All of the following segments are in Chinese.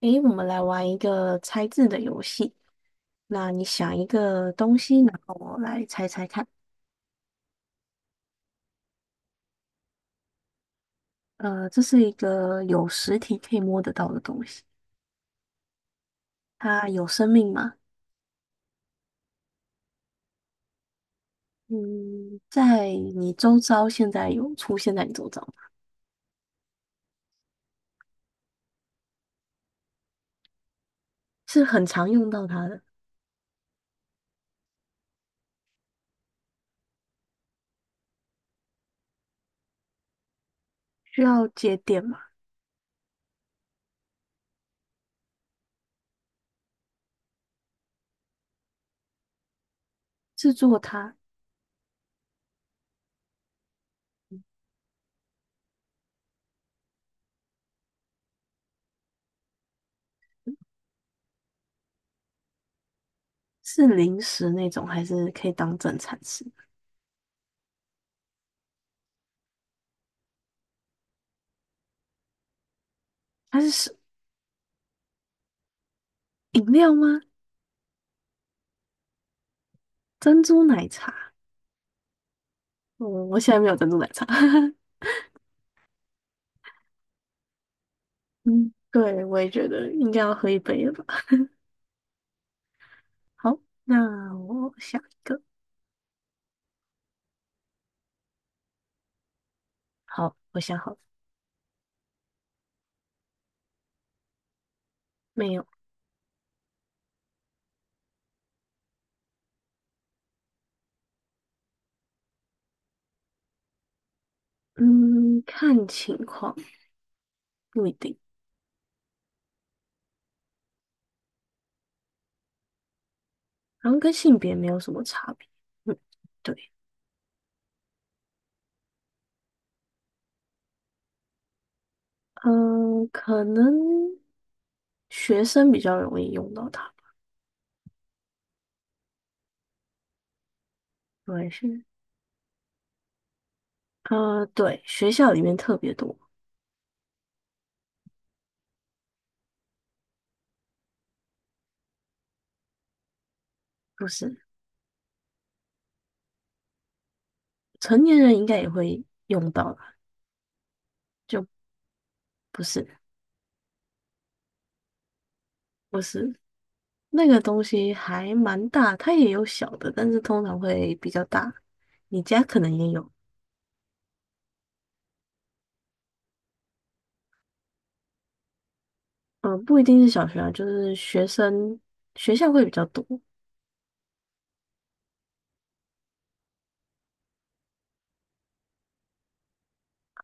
诶，我们来玩一个猜字的游戏。那你想一个东西，然后我来猜猜看。这是一个有实体可以摸得到的东西，它有生命吗？嗯，在你周遭现在有出现在你周遭吗，是很常用到它的。需要节点吗？制作它是零食那种，还是可以当正餐吃？它是饮料吗？珍珠奶茶？嗯，我现在没有珍珠奶茶。嗯，对，我也觉得应该要喝一杯了吧。好，那我想一个。好，我想好了，没有。嗯，看情况，不一定，然后跟性别没有什么差别。嗯，对，嗯，可能学生比较容易用到它。对，是，对，学校里面特别多，不是，成年人应该也会用到吧？就不是，不是，那个东西还蛮大，它也有小的，但是通常会比较大。你家可能也有，不一定是小学啊，就是学生学校会比较多，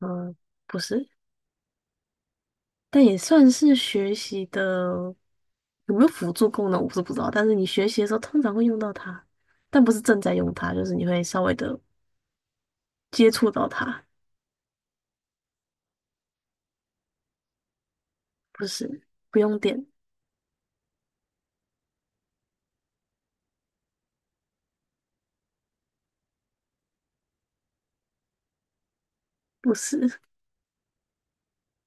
嗯、不是，但也算是学习的有没有辅助功能我是不知道，但是你学习的时候通常会用到它，但不是正在用它，就是你会稍微的接触到它，不是，不用电，不是，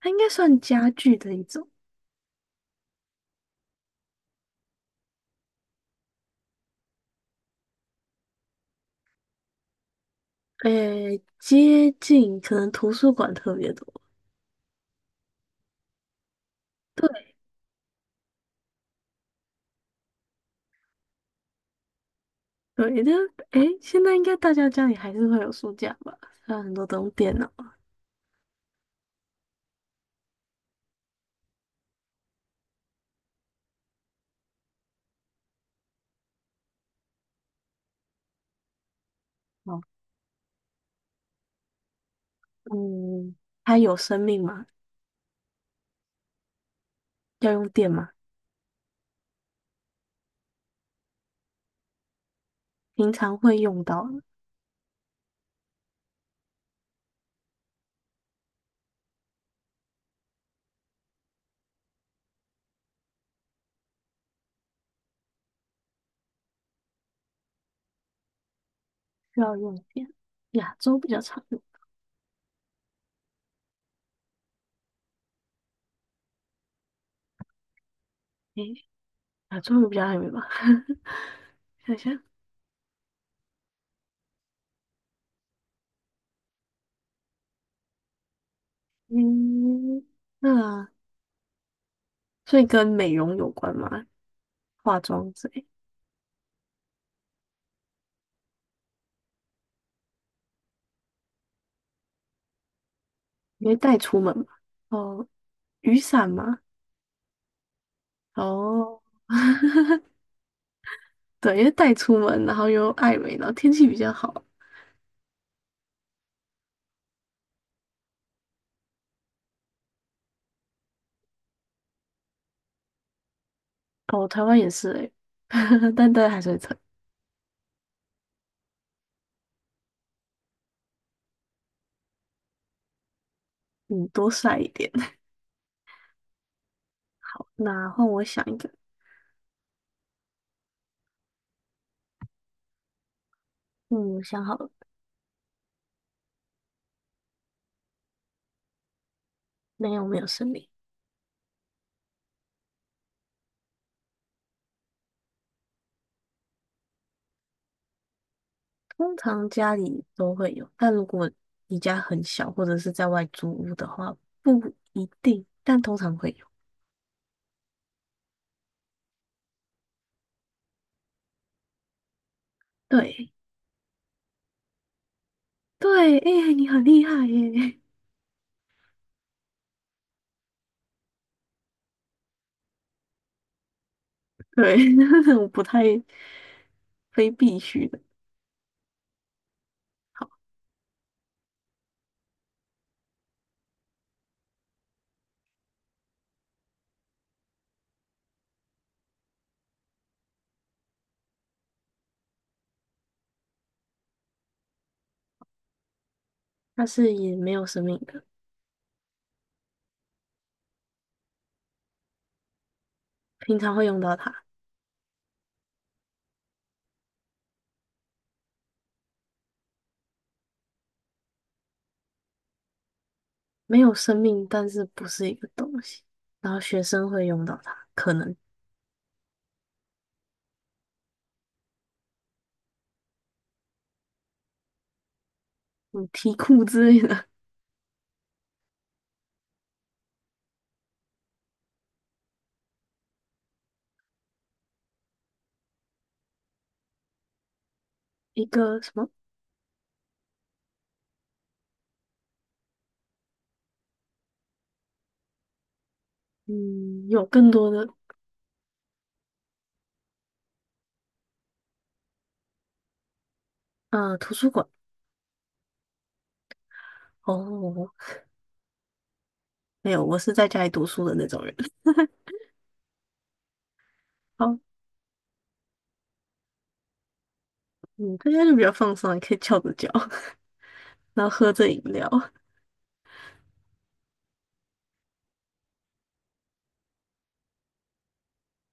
它应该算家具的一种。诶，接近可能图书馆特别多。对对，但诶，现在应该大家家里还是会有书架吧？还有很多都用电脑，哦嗯，它有生命吗？要用电吗？平常会用到的需要用电。亚洲比较常用，诶，亚洲人比较爱美吧？想一下，嗯，那所以跟美容有关吗？化妆之类，你会带出门吗？哦，雨伞嘛？哦，对，因为带出门，然后又爱美，然后天气比较好，哦，台湾也是诶，但对海水城，还是会嗯，多晒一点。好，那换我想一个，嗯，我想好了，没有没有生命，通常家里都会有，但如果你家很小或者是在外租屋的话，不一定，但通常会有。对对，哎、你很厉害耶！对，我不太非必须的，但是也没有生命的，平常会用到它。没有生命，但是不是一个东西。然后学生会用到它，可能嗯题库之类的，一个什么嗯有更多的图书馆哦，没有，我是在家里读书的那种人。好，嗯，在家就比较放松啊，也可以翘着脚，然后喝着饮料，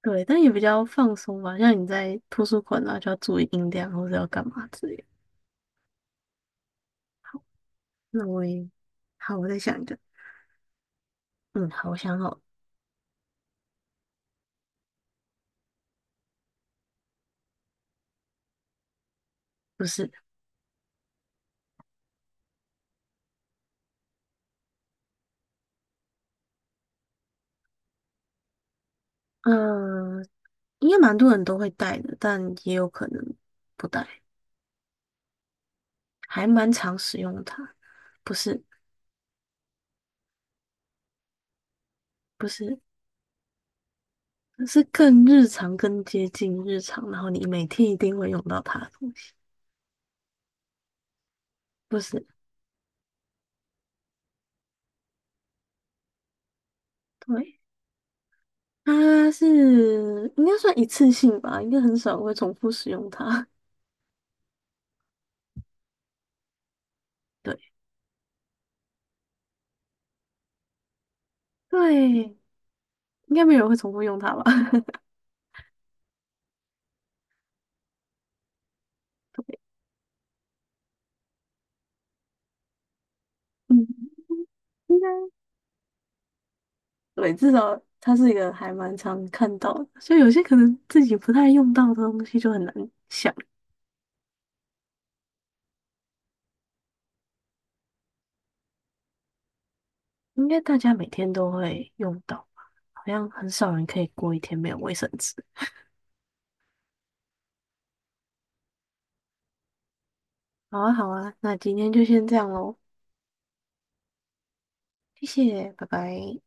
对，但也比较放松吧。像你在图书馆啊，就要注意音量或者要干嘛之类的。好，那我也好，我再想一个。嗯，好，我想好了不是，嗯、应该蛮多人都会带的，但也有可能不带，还蛮常使用它。不是，不是，是更日常、更接近日常，然后你每天一定会用到它的东西。不是，对，它是应该算一次性吧，应该很少会重复使用它。对，对，应该没有人会重复用它吧？对，嗯，应该对，至少它是一个还蛮常看到的，所以有些可能自己不太用到的东西就很难想。应该大家每天都会用到吧？好像很少人可以过一天没有卫生纸。好啊，好啊，那今天就先这样喽，谢谢，拜拜。